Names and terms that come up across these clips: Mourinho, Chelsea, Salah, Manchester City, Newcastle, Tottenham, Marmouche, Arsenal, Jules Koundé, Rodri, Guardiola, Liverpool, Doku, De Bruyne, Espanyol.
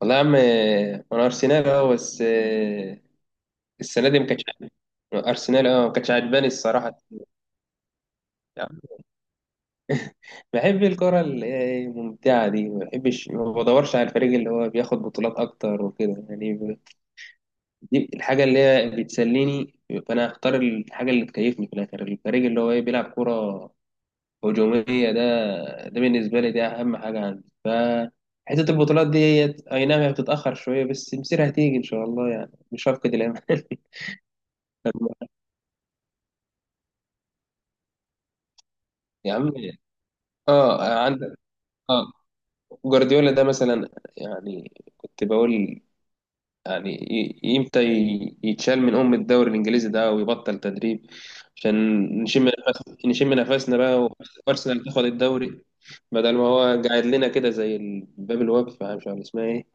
والله يا عم انا ارسنال بس السنه دي ما كانتش عاجباني. ارسنال ما كانتش عجباني الصراحه. يعني بحب الكره اللي هي الممتعه دي، ما بحبش، ما بدورش على الفريق اللي هو بياخد بطولات اكتر وكده، يعني دي الحاجه اللي هي بتسليني. فانا هختار الحاجه اللي تكيفني في الاخر، الفريق اللي هو بيلعب كره هجوميه. ده ده بالنسبه لي ده اهم حاجه عندي، حته البطولات دي. اي نعم هي بتتاخر شويه بس مصيرها هتيجي ان شاء الله، يعني مش هفقد الامل. يا عم اه عندك، اه جوارديولا ده مثلا، يعني كنت بقول يعني امتى يتشال من الدوري الانجليزي ده ويبطل تدريب، عشان نشم نفسنا بقى، وارسنال تاخد الدوري بدل ما هو قاعد لنا كده زي الباب الواقف، مش عارف اسمها ايه.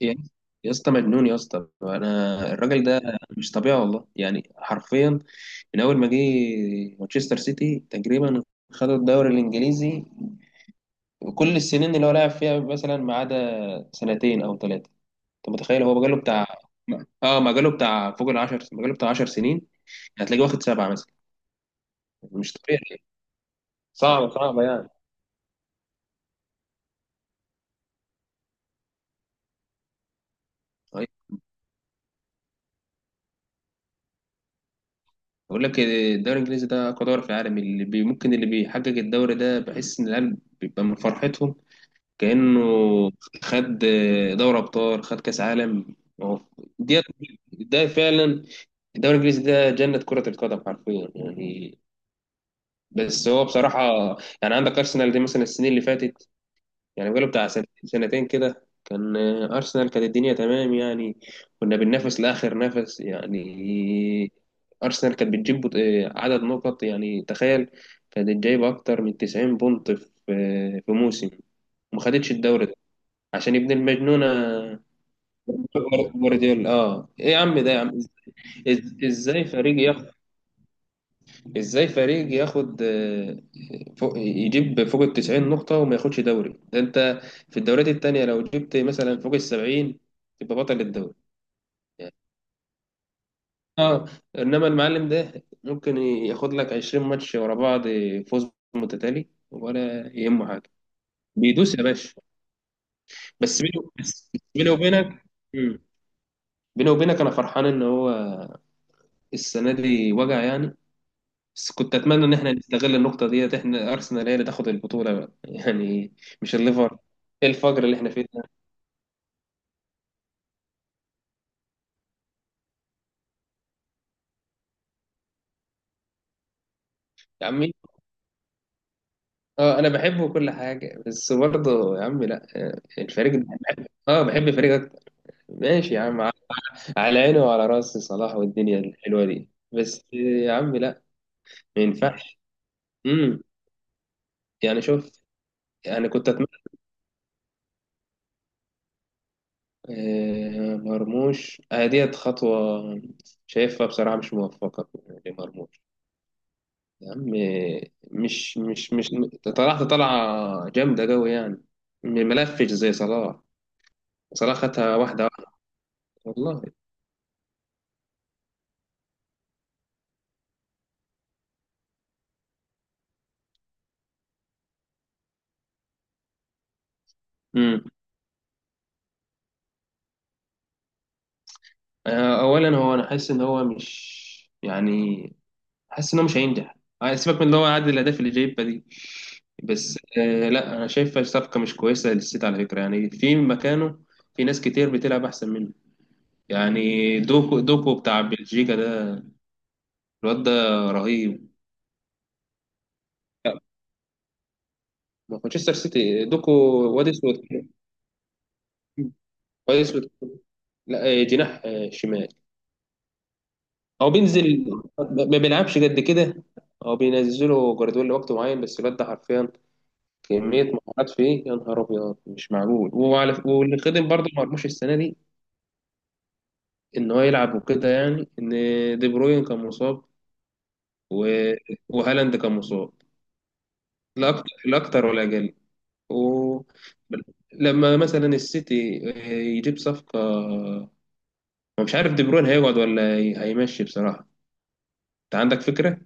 يا يا اسطى مجنون، يا اسطى انا الراجل ده مش طبيعي والله، يعني حرفيا. من اول ما جه مانشستر سيتي تقريبا خدوا الدوري الانجليزي، كل السنين اللي هو لعب فيها مثلا ما عدا سنتين او ثلاثه. انت متخيل؟ هو مجاله بتاع اه مجاله بتاع فوق العشر، مجاله بتاع 10 سنين هتلاقيه واخد سبعه مثلا. مش طبيعي. صعبه صعبه يعني. أيوة. بقول لك الدوري الانجليزي ده اقوى دوري في العالم، اللي بي ممكن اللي بيحقق الدوري ده بحس ان العيال بيبقى من فرحتهم كانه خد دوري ابطال خد كاس عالم. هو، دي، ده فعلا، الدوري الانجليزي ده جنه كره القدم حرفيا يعني. بس هو بصراحة، يعني عندك أرسنال دي مثلا السنين اللي فاتت، يعني بقاله بتاع سنتين سنتين كده كان، أرسنال كانت الدنيا تمام يعني. كنا بننافس لآخر نفس يعني. أرسنال كانت بتجيب عدد نقط، يعني تخيل، كانت جايبة أكتر من 90 بونت في موسم، وما خدتش الدوري ده عشان ابن المجنونة. جوارديولا ايه يا عم، ده يا عم! إز- ازاي فريق ازاي فريق ياخد فوق ال 90 نقطة وما ياخدش دوري ده؟ انت في الدوريات التانية لو جبت مثلا فوق ال 70 تبقى بطل الدوري يعني. اه انما المعلم ده ممكن ياخد لك 20 ماتش ورا بعض، فوز متتالي ولا يهمه حاجة، بيدوس يا باشا. بس بيني بس بيني وبينك، مم. بيني وبينك انا فرحان ان هو السنة دي وجع يعني، بس كنت اتمنى ان احنا نستغل النقطه ديت، احنا ارسنال هي اللي تاخد البطوله بقى. يعني مش الليفر! ايه الفجر اللي احنا فيه ده؟ يا عمي اه انا بحبه كل حاجه، بس برضه يا عمي لا، الفريق ده. اه بحب الفريق اكتر. ماشي يا عم، على عيني وعلى راسي صلاح والدنيا الحلوه دي، بس يا عمي لا، ما ينفعش. امم يعني شوف، يعني كنت اتمنى، مرموش، ديت خطوه شايفها بصراحه مش موفقه لمرموش. يا عم مش طلعت طلعة جامدة قوي يعني، ملفش زي صلاح. صلاح خدها واحدة واحدة والله. امم أولا هو، أنا حاسس إن هو مش، يعني حاسس إن هو مش هينجح. سيبك من إن هو عدد الأهداف اللي جايبها دي، بس لا، أنا شايفها صفقة مش كويسة للسيتي على فكرة يعني. في مكانه في ناس كتير بتلعب أحسن منه يعني. دوكو، دوكو بتاع بلجيكا ده، الواد ده رهيب. مانشستر سيتي، دوكو، واد اسود كده، كويس. لا جناح شمال. هو بينزل، ما بيلعبش قد كده، هو بينزله جوارديولا لوقت معين، بس الواد ده حرفيا كمية مهارات فيه يا نهار أبيض مش معقول. وعلى واللي خدم برضه مرموش السنة دي، إن هو يلعب وكده، يعني إن دي بروين كان مصاب و... وهالاند كان مصاب، لا أكتر لا أكتر ولا أقل. و... لما مثلا السيتي يجيب صفقة، ما مش عارف دي بروين هيقعد ولا هيمشي بصراحة. أنت عندك فكرة؟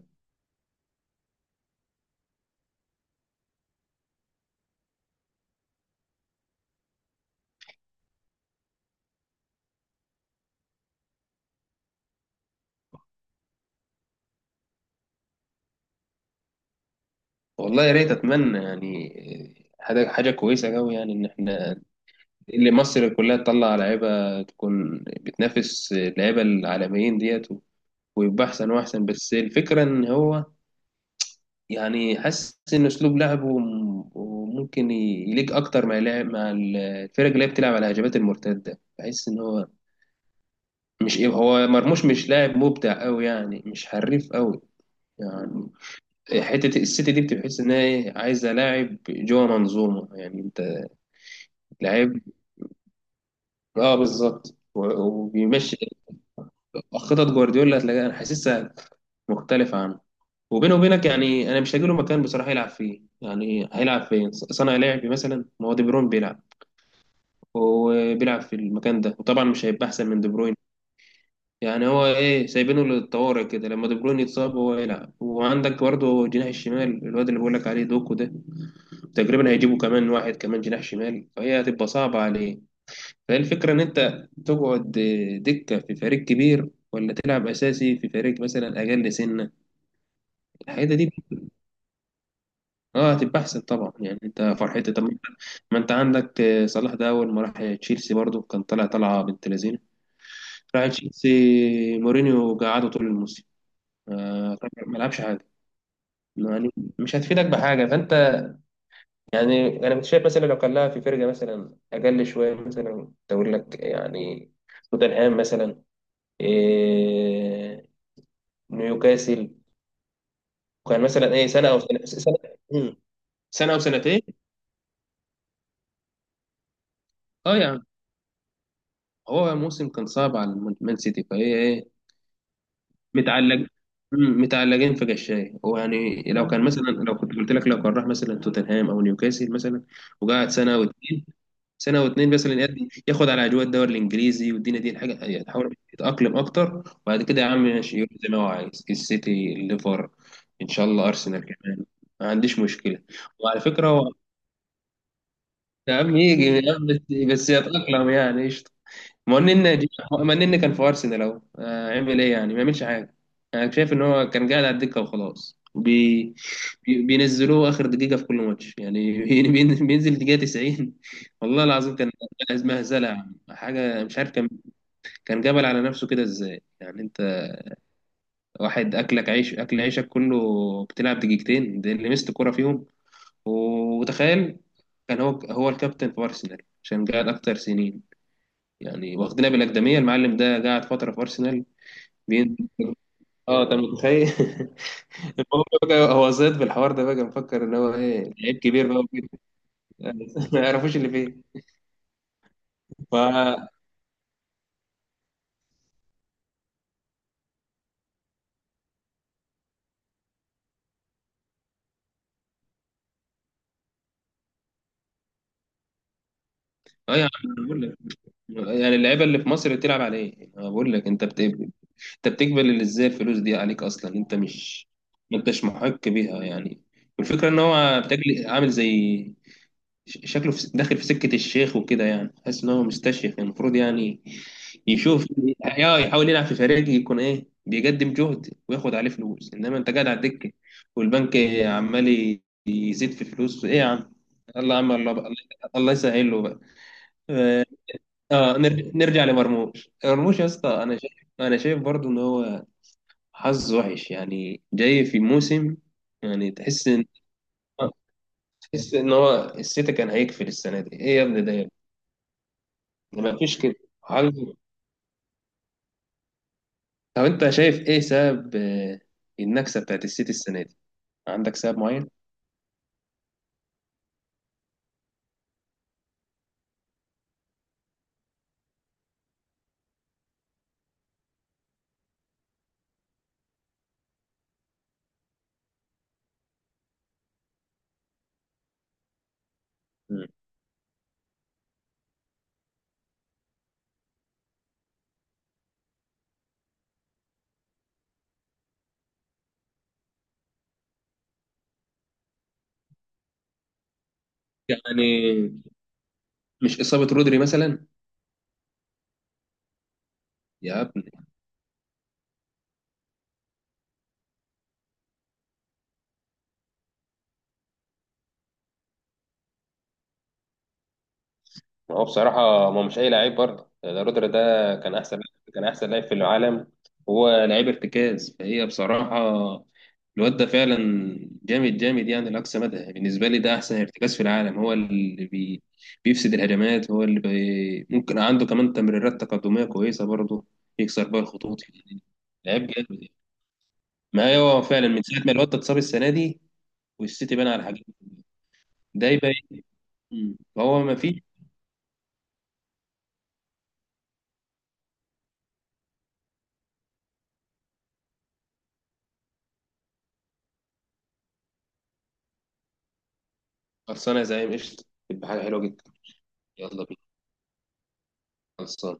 والله يا ريت، اتمنى يعني حاجه كويسه قوي يعني، ان احنا، اللي مصر كلها تطلع لعيبه تكون بتنافس اللعيبه العالميين ديت، ويبقى احسن واحسن. بس الفكره ان هو، يعني حاسس ان اسلوب لعبه ممكن يليق اكتر مع لعب مع الفرق اللي هي بتلعب على الهجمات المرتده. بحس ان هو مش، هو مرموش مش لاعب مبدع قوي يعني، مش حريف قوي. يعني حته السيتي دي بتحس ان هي عايزه لاعب جوه منظومه يعني، انت، لعيب. اه بالظبط، و- وبيمشي خطط جوارديولا هتلاقيها انا حاسسها مختلفة عنه. وبينه وبينك يعني، انا مش هجيله مكان بصراحة يلعب فيه. يعني هيلعب فين؟ صانع لعب مثلا؟ ما هو دي بروين بيلعب وبيلعب في المكان ده، وطبعا مش هيبقى احسن من دي بروين يعني. هو سايبينه للطوارئ كده، لما دي بروين يتصاب هو يلعب. وعندك برضه جناح الشمال، الواد اللي بقول لك عليه دوكو ده، تقريبا هيجيبوا كمان واحد، كمان جناح شمال، فهي هتبقى صعبة عليه. فهي الفكرة، إن أنت تقعد دكة في فريق كبير ولا تلعب أساسي في فريق مثلا أقل سنة؟ الحقيقة دي هتبقى أحسن طبعا يعني، أنت فرحتي. طب ما أنت عندك صلاح ده أول ما راح تشيلسي برضه كان طالع طالعة بنت لذينة، راح تشيلسي مورينيو قعده طول الموسم، طبعاً ما لعبش حاجة يعني. مش هتفيدك بحاجة، فأنت يعني، انا مش شايف. مثلا لو كان لها في فرقه مثلا اقل شويه، مثلا تقول لك يعني توتنهام مثلا، إيه نيوكاسل، وكان مثلا سنه او سنه سنه, مم. سنة او سنتين. اه يعني هو موسم كان صعب على مان سيتي، فهي متعلق متعلقين في قشاي هو. يعني لو كان مثلا، لو كنت قلت لك، لو كان راح مثلا توتنهام او نيوكاسل مثلا وقعد سنه او اتنين، سنه واتنين مثلا، ياخد على اجواء الدوري الانجليزي والدنيا دي الحاجه، يعني يحاول يتاقلم اكتر، وبعد كده يا عم ماشي، يروح زي ما هو عايز، السيتي، الليفر، ان شاء الله ارسنال كمان، ما عنديش مشكله. وعلى فكره هو، يا عم يجي يا عم، بس يتاقلم يعني. ما هو النني، ما النني كان في ارسنال اهو، عمل ايه يعني؟ ما يعملش حاجه. انا شايف ان هو كان قاعد على الدكه وخلاص، بينزلوه اخر دقيقه في كل ماتش يعني. بينزل دقيقه 90 والله العظيم. كان مهزله يا عم. حاجه مش عارف. كان جبل على نفسه كده، ازاي يعني انت؟ واحد اكلك عيش اكل عيشك كله، بتلعب دقيقتين ده اللي مسك كرة فيهم. وتخيل كان هو هو الكابتن في ارسنال عشان قاعد اكتر سنين يعني، واخدنا بالاكاديميه. المعلم ده قاعد فتره في ارسنال، بين اه انت متخيل! المهم بقى، هو زاد بالحوار ده بقى، مفكر ان هو لعيب كبير بقى وكده. ما يعرفوش اللي فيه. ف اه يا عم أنا بقول لك، يعني اللعيبه اللي في مصر بتلعب على ايه؟ أنا بقول لك، انت بتقبل ازاي الفلوس دي عليك اصلا؟ انت مش ما انتش محق بيها يعني. والفكره ان هو بتجلي عامل زي شكله في داخل في سكة الشيخ وكده. يعني حاسس ان هو مستشيخ، المفروض يعني يشوف، اه يحاول يلعب في فريق يكون بيقدم جهد وياخد عليه فلوس، انما انت قاعد على الدكة والبنك عمال يزيد في فلوس ايه يا عم! الله يا عم، الله بقى. الله يسهل له بقى. اه نرجع لمرموش. مرموش يا اسطى، انا شايف برضو ان هو حظ وحش يعني، جاي في موسم، يعني تحس ان، آه، هو السيتي كان هيقفل السنة دي ايه يا ابني ده! مفيش كده. هل، طب انت شايف ايه سبب النكسه بتاعت السيتي السنه دي؟ عندك سبب معين؟ مم. يعني مش اصابه رودري مثلا يا ابني؟ هو بصراحة ما هو مش أي لعيب برضه ده، رودر ده كان أحسن لاعب في العالم، وهو لعيب ارتكاز. فهي بصراحة الواد ده فعلا جامد جامد يعني لأقصى مدى. بالنسبة لي ده أحسن ارتكاز في العالم، هو اللي بيفسد الهجمات، هو اللي بي ممكن عنده كمان تمريرات تقدمية كويسة برضه، يكسر بيها الخطوط يعني. لعيب جامد يعني. ما هو فعلا من ساعة ما الواد ده اتصاب السنة دي والسيتي بان على حاجات، ده يبقى هو ما فيه. خلصانة يا زعيم، قشطة، تبقى حاجة حلوة جدا. يلا بينا. خلصان